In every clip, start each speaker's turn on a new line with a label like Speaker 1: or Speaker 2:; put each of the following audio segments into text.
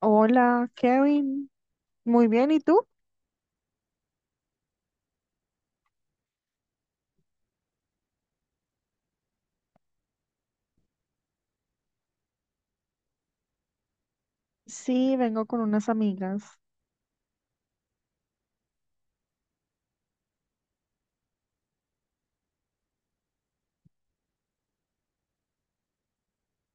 Speaker 1: Hola, Kevin. Muy bien, ¿y tú? Sí, vengo con unas amigas.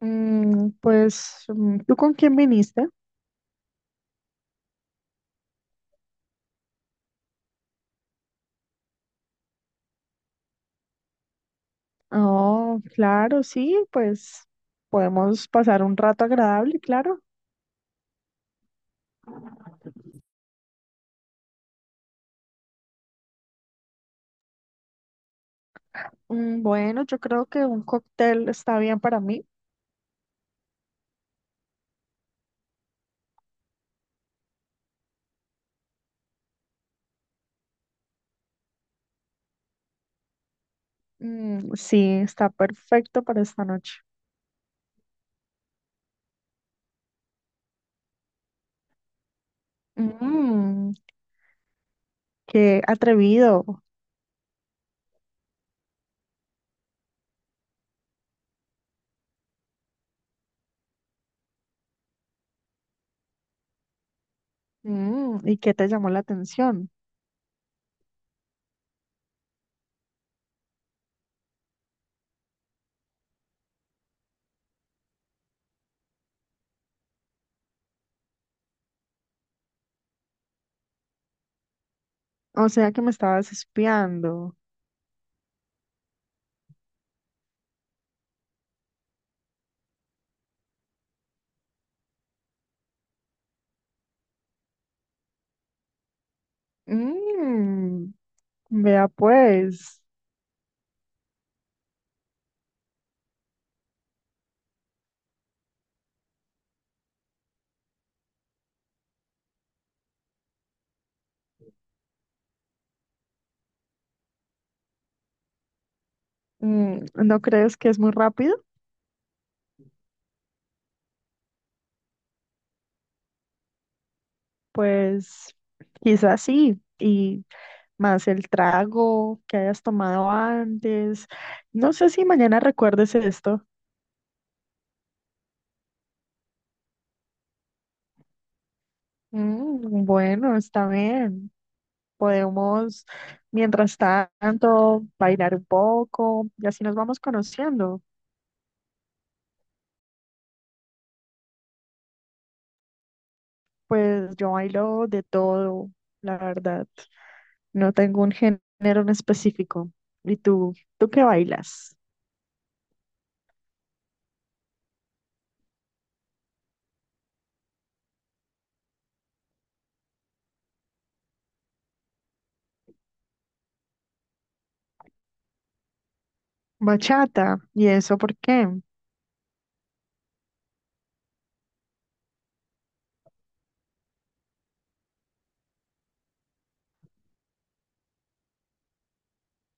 Speaker 1: ¿Tú con quién viniste? Oh, claro, sí, pues podemos pasar un rato agradable, claro. Bueno, yo creo que un cóctel está bien para mí. Mm, sí, está perfecto para esta noche. Mm, Qué atrevido. ¿Y qué te llamó la atención? O sea que me estabas espiando. Mm. Vea, pues, ¿no crees que es muy rápido? Pues quizás sí, y más el trago que hayas tomado antes. No sé si mañana recuerdes esto. Bueno, está bien. Podemos, mientras tanto, bailar un poco y así nos vamos conociendo. Pues yo bailo de todo, la verdad. No tengo un género en específico. ¿Y tú? ¿Tú qué bailas? Bachata, ¿y eso por qué?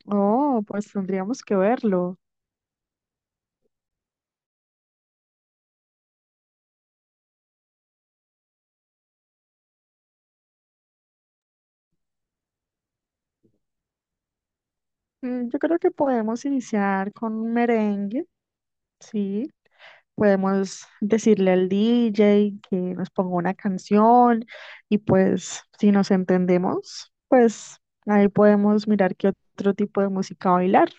Speaker 1: Oh, pues tendríamos que verlo. Yo creo que podemos iniciar con un merengue, ¿sí? Podemos decirle al DJ que nos ponga una canción, y pues si nos entendemos, pues ahí podemos mirar qué otro tipo de música bailar.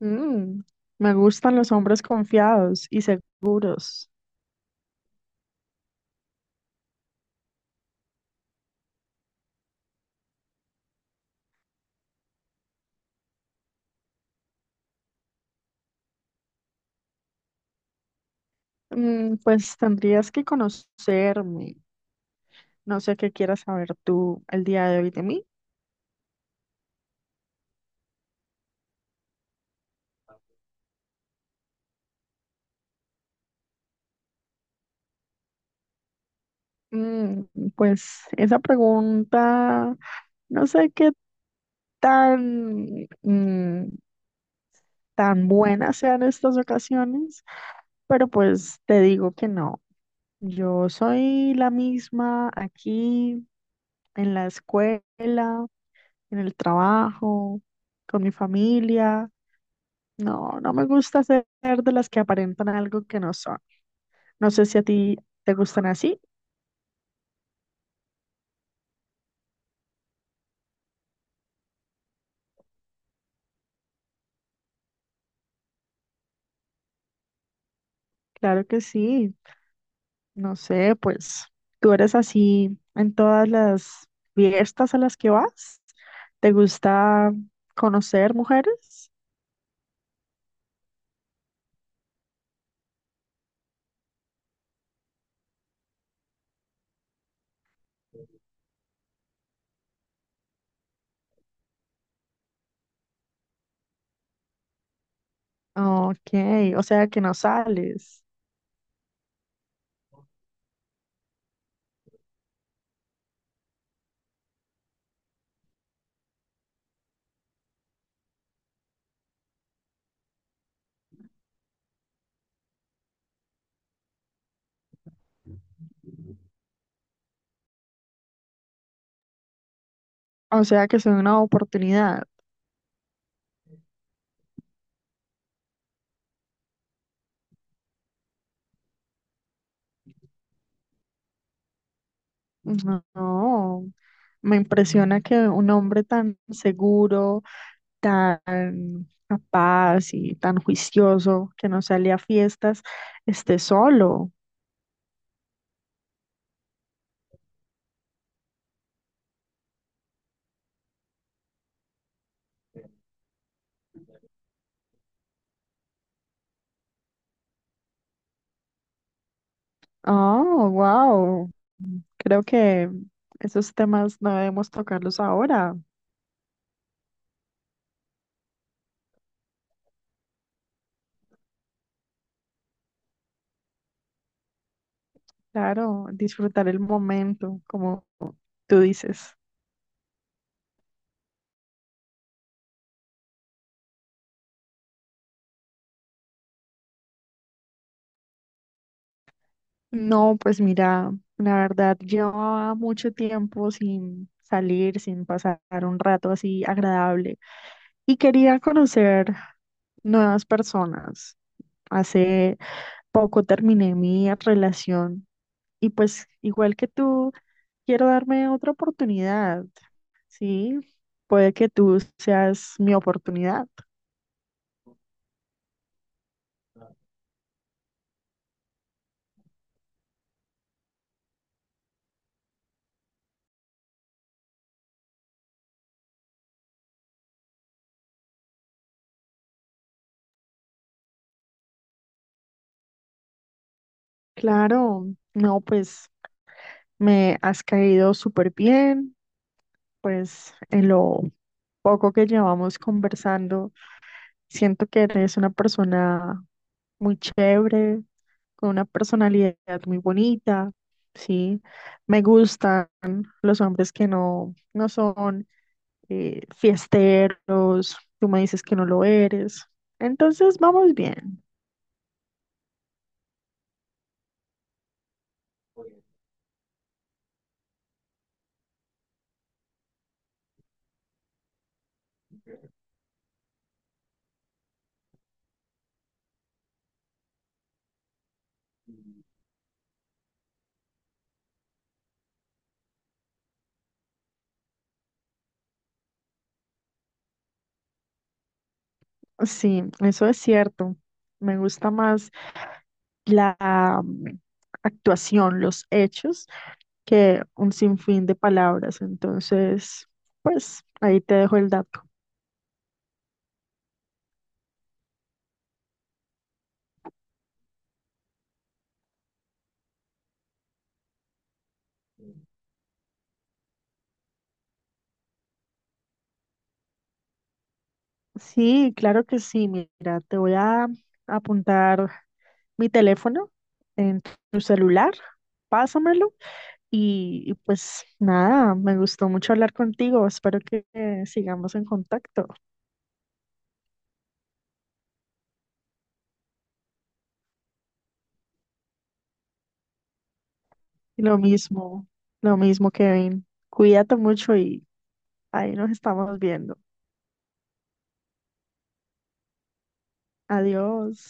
Speaker 1: Mm, me gustan los hombres confiados y seguros. Pues tendrías que conocerme. No sé qué quieras saber tú el día de hoy de mí. Mm, pues esa pregunta, no sé qué tan, tan buena sea en estas ocasiones, pero pues te digo que no. Yo soy la misma aquí, en la escuela, en el trabajo, con mi familia. No, no me gusta ser de las que aparentan algo que no son. No sé si a ti te gustan así. Claro que sí. No sé, pues tú eres así en todas las fiestas a las que vas. ¿Te gusta conocer mujeres? Ok, o sea que no sales. O sea que es una oportunidad. No, no, me impresiona que un hombre tan seguro, tan capaz y tan juicioso que no sale a fiestas esté solo. Oh, wow. Creo que esos temas no debemos tocarlos ahora. Claro, disfrutar el momento, como tú dices. No, pues mira, la verdad llevaba mucho tiempo sin salir, sin pasar un rato así agradable, y quería conocer nuevas personas. Hace poco terminé mi relación y pues igual que tú, quiero darme otra oportunidad, ¿sí? Puede que tú seas mi oportunidad. Claro, no, pues me has caído súper bien. Pues en lo poco que llevamos conversando, siento que eres una persona muy chévere, con una personalidad muy bonita, ¿sí? Me gustan los hombres que no, no son fiesteros, tú me dices que no lo eres. Entonces vamos bien. Sí, eso es cierto. Me gusta más la actuación, los hechos que un sinfín de palabras. Entonces, pues ahí te dejo el dato. Sí, claro que sí. Mira, te voy a apuntar mi teléfono en tu celular. Pásamelo y, pues nada, me gustó mucho hablar contigo. Espero que sigamos en contacto. Y lo mismo, lo mismo, Kevin. Cuídate mucho y ahí nos estamos viendo. Adiós.